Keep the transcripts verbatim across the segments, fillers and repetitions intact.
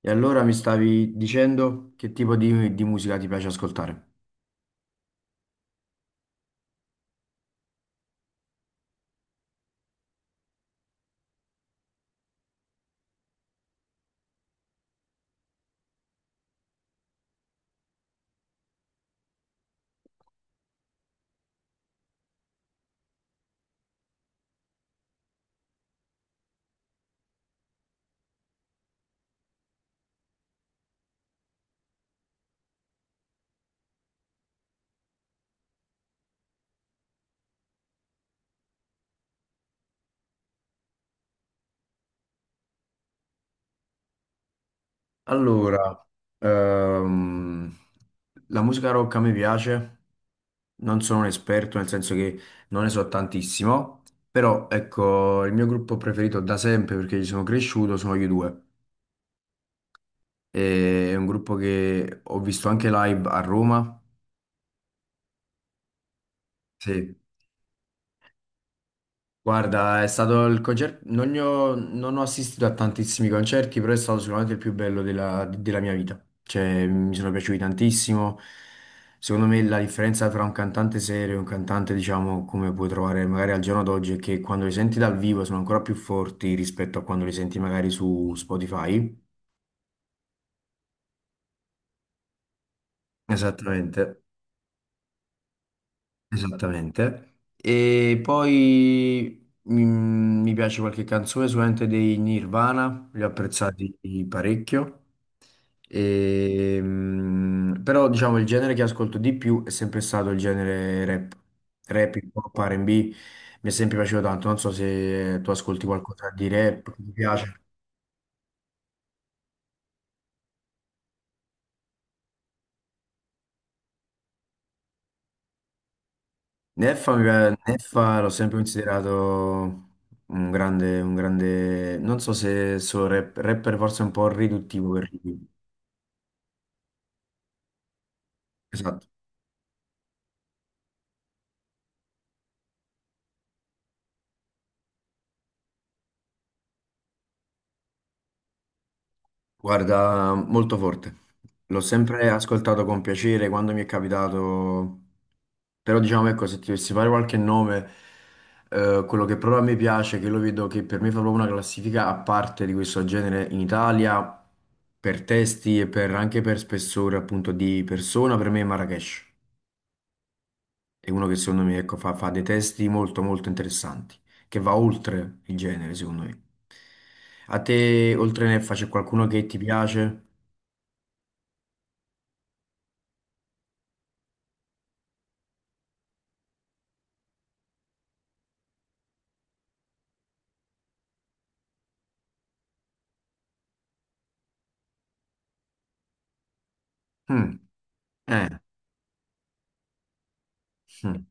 E allora mi stavi dicendo che tipo di, di musica ti piace ascoltare? Allora, ehm, la musica rock a me piace, non sono un esperto, nel senso che non ne so tantissimo, però ecco, il mio gruppo preferito da sempre, perché ci sono cresciuto, sono gli U due. E È un gruppo che ho visto anche live a Roma, sì. Guarda, è stato il concerto, non, ne ho non ho assistito a tantissimi concerti, però è stato sicuramente il più bello della, della mia vita. Cioè, mi sono piaciuti tantissimo. Secondo me la differenza tra un cantante serio e un cantante, diciamo, come puoi trovare magari al giorno d'oggi, è che quando li senti dal vivo sono ancora più forti rispetto a quando li senti magari su Spotify. Esattamente. Esattamente. E poi mm, mi piace qualche canzone, sicuramente dei Nirvana, li ho apprezzati parecchio. E, mm, però diciamo il genere che ascolto di più è sempre stato il genere rap, rap, hip hop, R and B, mi è sempre piaciuto tanto. Non so se tu ascolti qualcosa di rap, ti piace. Neffa, Neffa l'ho sempre considerato un grande, un grande, non so se solo rap- rapper, forse un po' riduttivo per lui. Esatto, guarda, molto forte. L'ho sempre ascoltato con piacere quando mi è capitato, però diciamo ecco, se ti dovessi fare qualche nome, eh, quello che proprio a me piace, che lo vedo che per me fa proprio una classifica a parte di questo genere in Italia, per testi e per- anche per spessore appunto di persona, per me è Marrakesh. È uno che secondo me ecco, fa, fa dei testi molto molto interessanti, che va oltre il genere, secondo me. A te, oltre Neffa, c'è qualcuno che ti piace? Mm, eh, mm,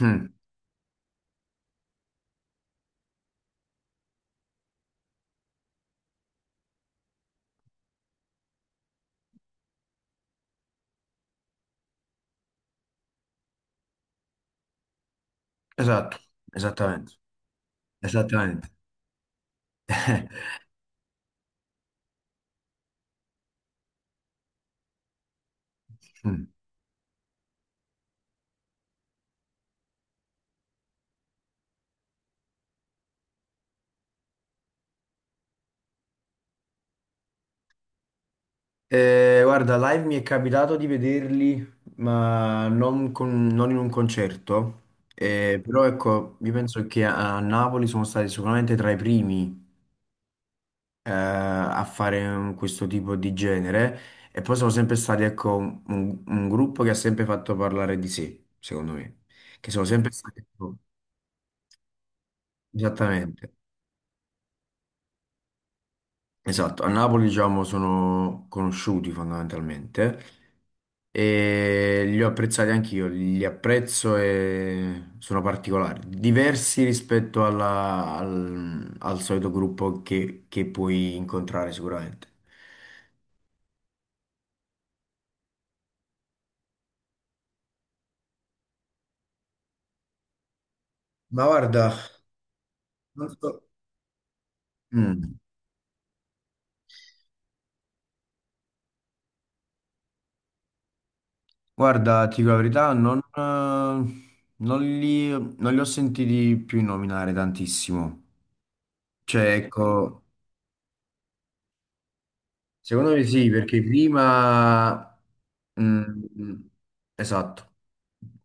mm, esatto, esattamente, esattamente. Mm. Eh, guarda, live mi è capitato di vederli, ma non, con- non in un concerto. Eh, però ecco, io penso che a a Napoli sono stati sicuramente tra i primi eh, a fare un- questo tipo di genere e poi sono sempre stati, ecco, un, un gruppo che ha sempre fatto parlare di sé, secondo me, che sono sempre stati, ecco, esattamente, esatto, a Napoli, diciamo, sono conosciuti fondamentalmente e li ho apprezzati anch'io, li apprezzo e sono particolari, diversi rispetto alla- al, al solito gruppo che, che puoi incontrare sicuramente. Ma guarda, non so... Mm. Guarda, ti dico la verità, non, eh, non li, non li ho sentiti più nominare tantissimo. Cioè, ecco, secondo me sì, perché prima... mm, esatto.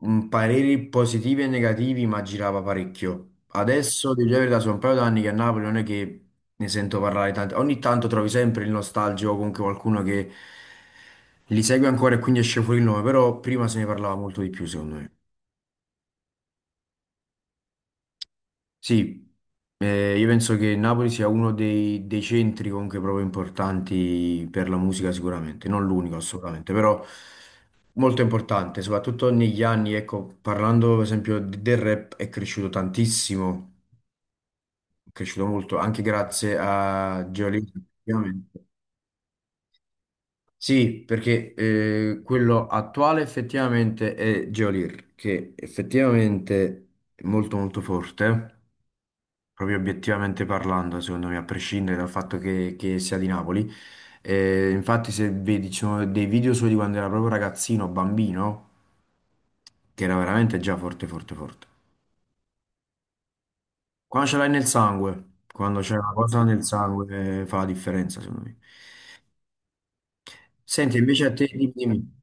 Mm, pareri positivi e negativi, ma girava parecchio. Adesso, di verità, sono un paio d'anni che a Napoli non è che ne sento parlare tanto. Ogni tanto trovi sempre il nostalgico, o comunque qualcuno che li segue ancora e quindi esce fuori il nome, però prima se ne parlava molto di più, secondo me. Sì, eh, io penso che Napoli sia uno dei, dei centri comunque proprio importanti per la musica sicuramente, non l'unico assolutamente, però molto importante, soprattutto negli anni, ecco, parlando per esempio d- del rap è cresciuto tantissimo, è cresciuto molto, anche grazie a Geolitti, effettivamente. Sì, perché eh, quello attuale effettivamente è Geolir, che effettivamente è molto molto forte. Proprio obiettivamente parlando, secondo me, a prescindere dal fatto che, che sia di Napoli. Eh, infatti, se vedi, ci sono dei video suoi di quando era proprio ragazzino, bambino, che era veramente già forte, forte, forte. Quando ce l'hai nel sangue, quando c'è una cosa nel sangue, eh, fa la differenza, secondo me. Senti, invece a te, dimmi. Dimmi.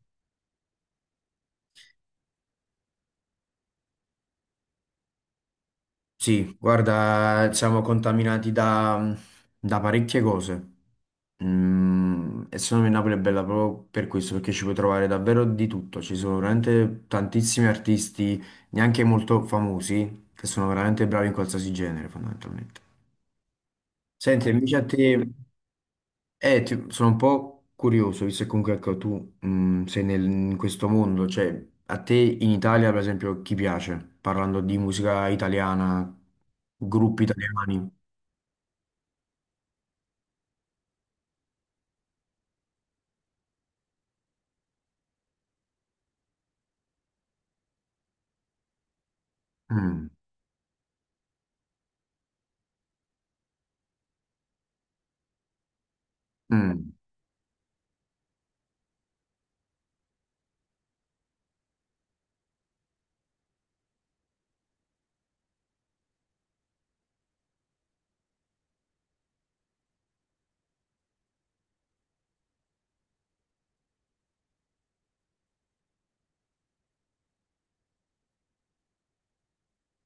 Sì, guarda, siamo contaminati da, da parecchie cose. Mm, e secondo me Napoli è bella proprio per questo, perché ci puoi trovare davvero di tutto. Ci sono veramente tantissimi artisti, neanche molto famosi, che sono veramente bravi in qualsiasi genere, fondamentalmente. Senti, invece a te. Eh, ti- sono un po' curioso, visto che comunque ecco, tu mh, sei nel- in questo mondo, cioè a te in Italia per esempio chi piace? Parlando di musica italiana, gruppi italiani. Mm, mm,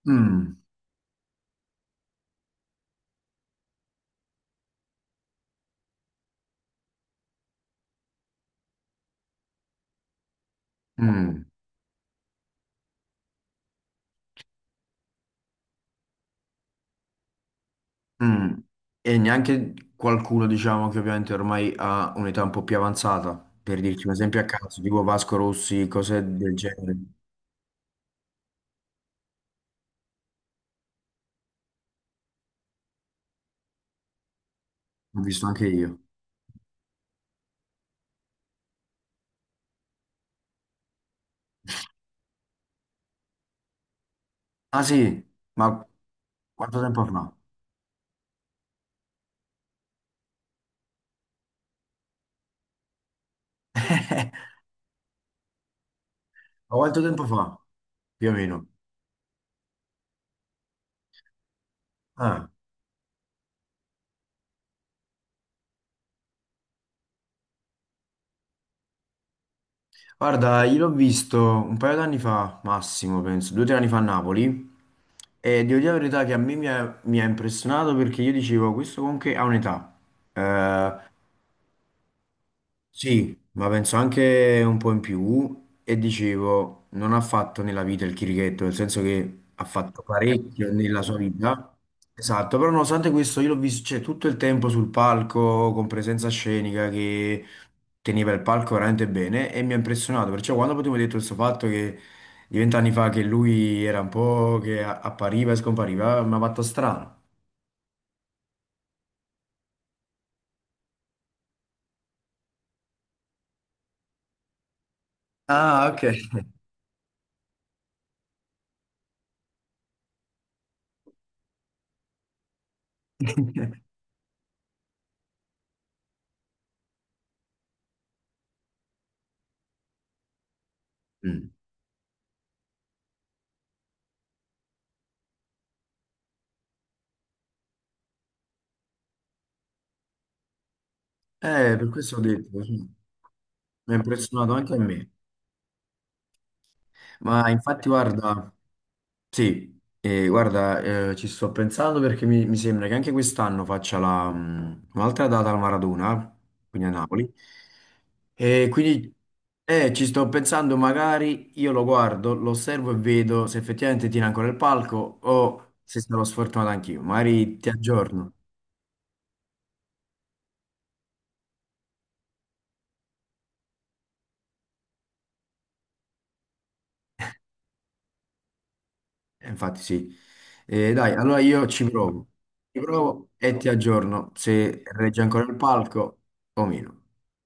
mm, mm, mm. E neanche qualcuno diciamo che ovviamente ormai ha un'età un po' più avanzata, per dirti un esempio a caso, tipo Vasco Rossi, cose del genere, l'ho visto anche io. Ah sì, ma quanto tempo fa? Ma quanto tempo fa? Più o meno. Ah, guarda, io l'ho visto un paio d'anni fa, massimo, penso, due o tre anni fa a Napoli. E devo dire la verità che a me mi ha, mi ha impressionato perché io dicevo, questo comunque ha un'età. Eh, Sì, ma penso anche un po' in più e dicevo, non ha fatto nella vita il chirichetto, nel senso che ha fatto parecchio nella sua vita. Esatto, però nonostante questo io l'ho visto, cioè, tutto il tempo sul palco, con presenza scenica, che teneva il palco veramente bene e mi ha impressionato, perciò quando poi tu mi hai detto questo fatto che di vent'anni fa che lui era un po' che a- appariva e scompariva, mi ha fatto strano. Ah, ok. Mm. Eh, per questo ho detto, sì, mi ha impressionato anche a me. Ma infatti, guarda, sì, eh, guarda, eh, ci sto pensando perché mi, mi sembra che anche quest'anno faccia la, mh, un'altra data al Maradona, quindi a Napoli. E quindi eh, ci sto pensando, magari io lo guardo, lo osservo e vedo se effettivamente tira ancora il palco o se sarò sfortunato anch'io. Magari ti aggiorno. Eh, Infatti sì. Eh, dai, allora io ci provo. Ci provo e ti aggiorno se regge ancora il palco o meno.